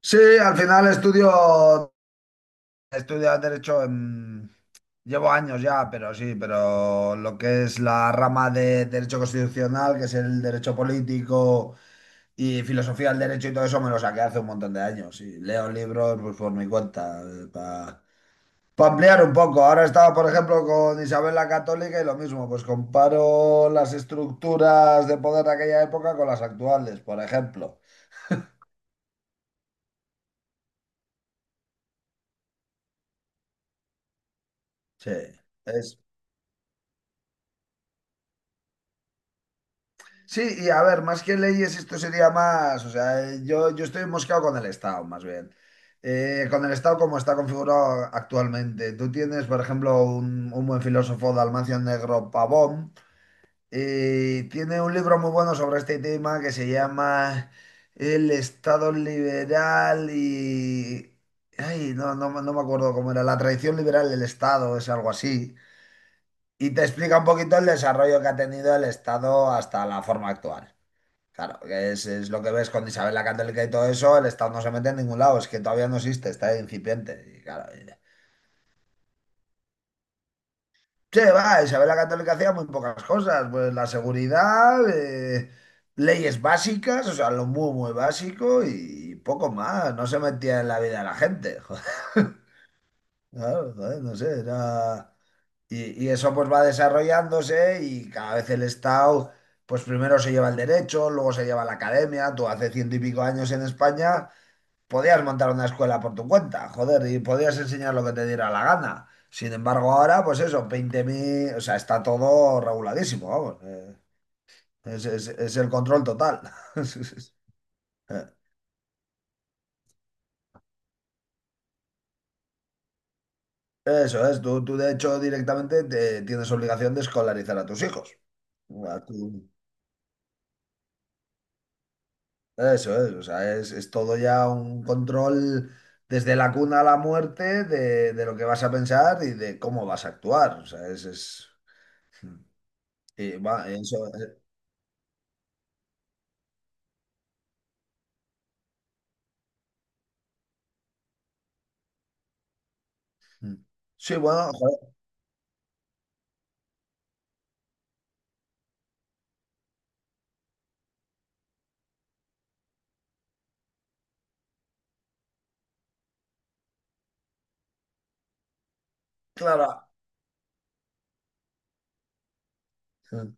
Sí, al final estudio, estudio derecho en- Llevo años ya, pero sí, pero lo que es la rama de derecho constitucional, que es el derecho político y filosofía del derecho y todo eso, me lo saqué hace un montón de años. Y leo libros, pues, por mi cuenta, para ampliar un poco. Ahora estaba, por ejemplo, con Isabel la Católica y lo mismo, pues comparo las estructuras de poder de aquella época con las actuales, por ejemplo. Sí, es... Sí, y a ver, más que leyes, esto sería más, o sea, yo estoy mosqueado con el Estado, más bien. Con el Estado como está configurado actualmente. Tú tienes, por ejemplo, un buen filósofo, Dalmacio Negro Pavón, y tiene un libro muy bueno sobre este tema que se llama El Estado Liberal y... Ay, no, no, no me acuerdo cómo era, la tradición liberal del Estado, es algo así. Y te explica un poquito el desarrollo que ha tenido el Estado hasta la forma actual. Claro, que es lo que ves con Isabel la Católica y todo eso, el Estado no se mete en ningún lado, es que todavía no existe, está incipiente. Y claro, y- sí, va, Isabel la Católica hacía muy pocas cosas, pues la seguridad, leyes básicas, o sea, lo muy, muy básico y poco más, no se metía en la vida de la gente. Joder, claro, joder, no sé, era... Y, y eso pues va desarrollándose y cada vez el Estado, pues primero se lleva el derecho, luego se lleva la academia, tú hace ciento y pico años en España, podías montar una escuela por tu cuenta, joder, y podías enseñar lo que te diera la gana. Sin embargo, ahora, pues eso, veinte mil, o sea, está todo reguladísimo, vamos. Es, es el control total. Eso es, tú de hecho directamente tienes obligación de escolarizar a tus hijos. A tu- Eso es, o sea, es todo ya un control desde la cuna a la muerte de lo que vas a pensar y de cómo vas a actuar. O sea, es- y va, eso, mm. Sí, bueno, joder, claro. Mm.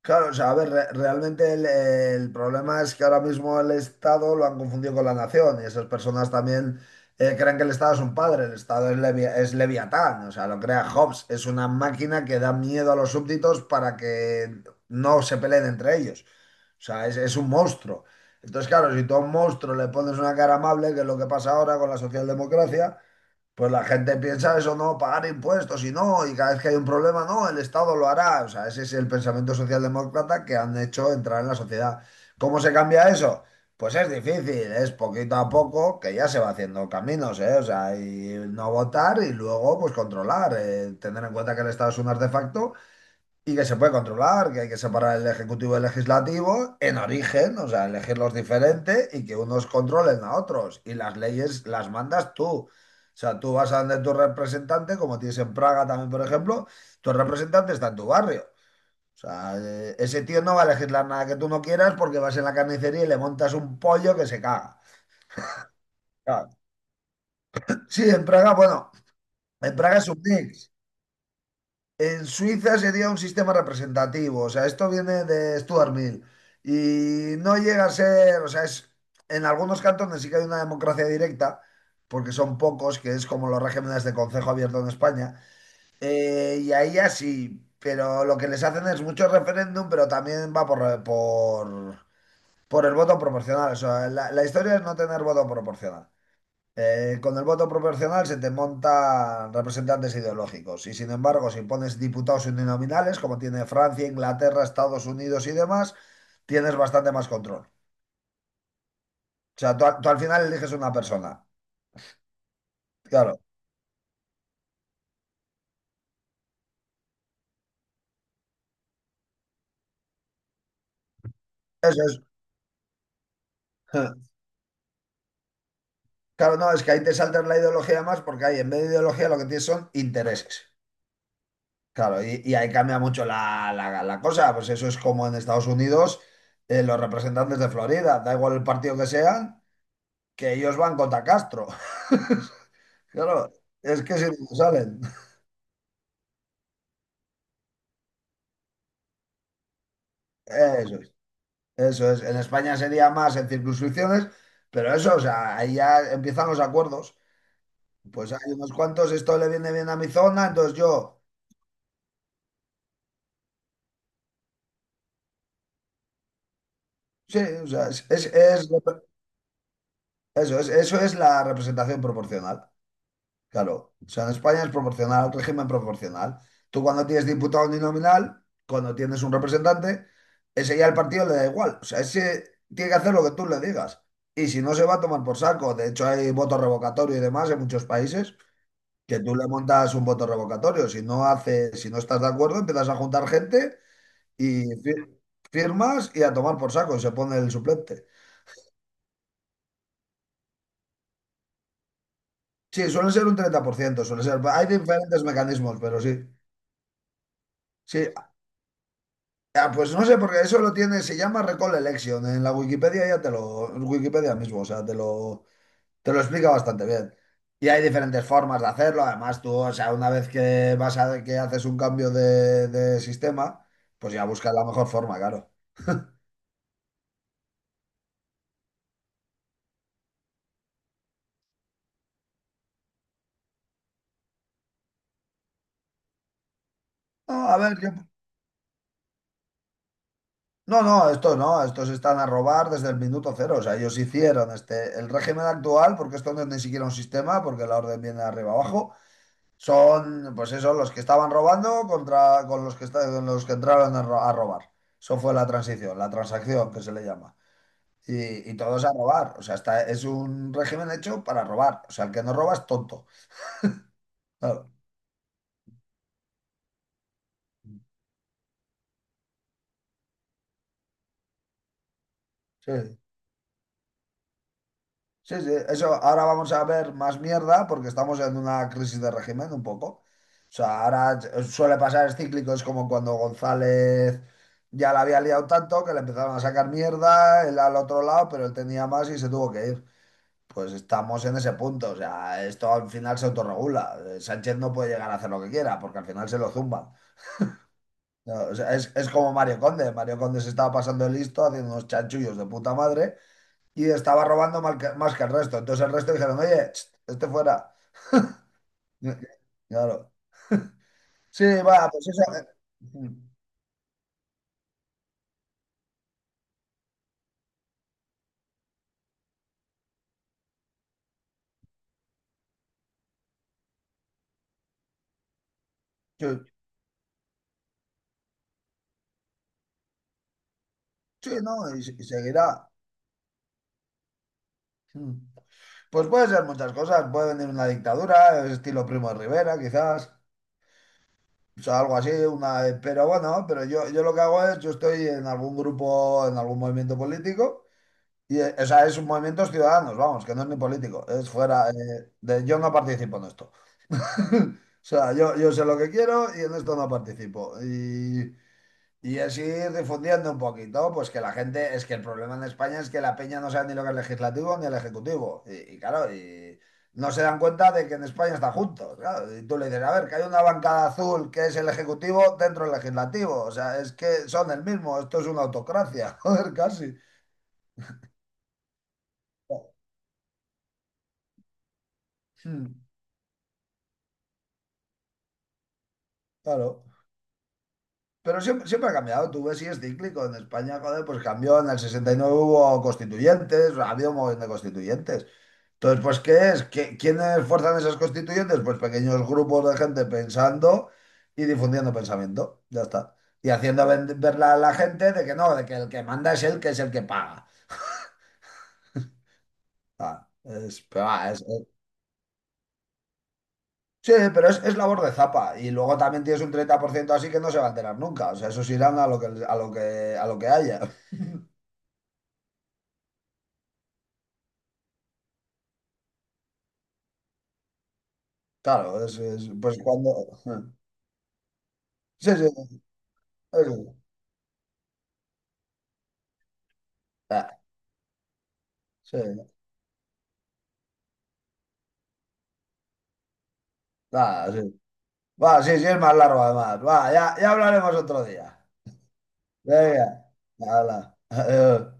Claro, o sea, a ver, realmente el problema es que ahora mismo el Estado lo han confundido con la nación y esas personas también creen que el Estado es un padre, el Estado es, Leviatán, o sea, lo crea Hobbes, es una máquina que da miedo a los súbditos para que no se peleen entre ellos. O sea, es un monstruo. Entonces, claro, si tú a un monstruo le pones una cara amable, que es lo que pasa ahora con la socialdemocracia, pues la gente piensa eso, no, pagar impuestos y no, y cada vez que hay un problema, no, el Estado lo hará. O sea, ese es el pensamiento socialdemócrata que han hecho entrar en la sociedad. ¿Cómo se cambia eso? Pues es difícil, es poquito a poco que ya se va haciendo caminos, ¿eh? O sea, y no votar y luego pues controlar, tener en cuenta que el Estado es un artefacto y que se puede controlar, que hay que separar el ejecutivo del legislativo en origen, o sea, elegirlos diferente y que unos controlen a otros. Y las leyes las mandas tú. O sea, tú vas a donde tu representante, como tienes en Praga también, por ejemplo, tu representante está en tu barrio. O sea, ese tío no va a legislar nada que tú no quieras porque vas en la carnicería y le montas un pollo que se caga. Claro. Sí, en Praga, bueno, en Praga es un mix. En Suiza sería un sistema representativo, o sea, esto viene de Stuart Mill y no llega a ser, o sea, es, en algunos cantones sí que hay una democracia directa, porque son pocos, que es como los regímenes de concejo abierto en España, y ahí así, pero lo que les hacen es mucho referéndum, pero también va por el voto proporcional, o sea, la historia es no tener voto proporcional. Con el voto proporcional se te montan representantes ideológicos y sin embargo si pones diputados uninominales como tiene Francia, Inglaterra, Estados Unidos y demás, tienes bastante más control. O sea, tú, tú al final eliges una persona. Claro, eso es. Claro, no, es que ahí te saltas la ideología más porque ahí en vez de ideología lo que tienes son intereses. Claro, y ahí cambia mucho la, la cosa. Pues eso es como en Estados Unidos, los representantes de Florida, da igual el partido que sean, que ellos van contra Castro. Claro, es que si no salen. Eso es, eso es. En España sería más en circunscripciones, pero eso, o sea, ahí ya empiezan los acuerdos. Pues hay unos cuantos, esto le viene bien a mi zona, entonces yo. Sí, o sea, es, es- eso es, eso es la representación proporcional. Claro, o sea, en España es proporcional, régimen proporcional. Tú cuando tienes diputado uninominal, cuando tienes un representante, ese ya el partido le da igual. O sea, ese tiene que hacer lo que tú le digas. Y si no, se va a tomar por saco. De hecho, hay voto revocatorio y demás en muchos países que tú le montas un voto revocatorio. Si no hace, si no estás de acuerdo, empiezas a juntar gente y firmas y a tomar por saco. Y se pone el suplente. Sí, suele ser un 30%, suele ser. Hay diferentes mecanismos, pero sí. Sí, ya, pues no sé, porque eso lo tiene, se llama Recall Election. En la Wikipedia ya te lo, Wikipedia mismo, o sea, te lo explica bastante bien. Y hay diferentes formas de hacerlo. Además, tú, o sea, una vez que vas a, que haces un cambio de sistema, pues ya buscas la mejor forma, claro. No, a ver, yo- no, no, estos no, estos están a robar desde el minuto cero. O sea, ellos hicieron este, el régimen actual, porque esto no es ni siquiera un sistema, porque la orden viene de arriba abajo. Son, pues eso, los que estaban robando contra con los que, con los que entraron a, a robar. Eso fue la transición, la transacción que se le llama. Y todos a robar. O sea, está, es un régimen hecho para robar. O sea, el que no roba es tonto. Claro. Sí, sí, sí. Eso, ahora vamos a ver más mierda porque estamos en una crisis de régimen un poco. O sea, ahora suele pasar, es cíclico, es como cuando González ya la había liado tanto que le empezaron a sacar mierda, él al otro lado, pero él tenía más y se tuvo que ir. Pues estamos en ese punto, o sea, esto al final se autorregula. Sánchez no puede llegar a hacer lo que quiera porque al final se lo zumban. No, o sea, es como Mario Conde. Mario Conde se estaba pasando el listo haciendo unos chanchullos de puta madre y estaba robando más que el resto. Entonces el resto dijeron, oye, ch, este fuera. Claro. Sí, va, pues eso. Mm, Sí, sí, no, y seguirá. Mm. Pues puede ser muchas cosas. Puede venir una dictadura, estilo Primo de Rivera, quizás. O sea, algo así, una, pero bueno, pero yo lo que hago es, yo estoy en algún grupo, en algún movimiento político, y o sea, es un movimiento ciudadanos, vamos, que no es ni político, es fuera, de, yo no participo en esto. O sea, yo sé lo que quiero y en esto no participo. Y así difundiendo un poquito, pues que la gente, es que el problema en España es que la peña no sabe ni lo que es legislativo ni el ejecutivo. Y claro, y no se dan cuenta de que en España están juntos. Claro. Y tú le dices, a ver, que hay una bancada azul que es el ejecutivo dentro del legislativo. O sea, es que son el mismo, esto es una autocracia, joder, casi. Mm, claro. Pero siempre, siempre ha cambiado, tú ves, y es cíclico. En España, joder, pues cambió, en el 69 hubo constituyentes, ha habido un montón de constituyentes. Entonces, pues, ¿qué es? Quiénes fuerzan esas constituyentes? Pues pequeños grupos de gente pensando y difundiendo pensamiento, ya está. Y haciendo ver a la gente de que no, de que el que manda es el que paga. Ah, es, pero, ah, es- sí, pero es labor de zapa. Y luego también tienes un 30% así que no se va a enterar nunca. O sea, esos irán a lo que, a lo que, a lo que haya. Claro, es- pues cuando... eh, Sí, sí, eso. Ah, sí, nada, sí. Va, sí, sí, es más largo además. Va, ya, ya hablaremos otro día. Venga, habla. Adiós.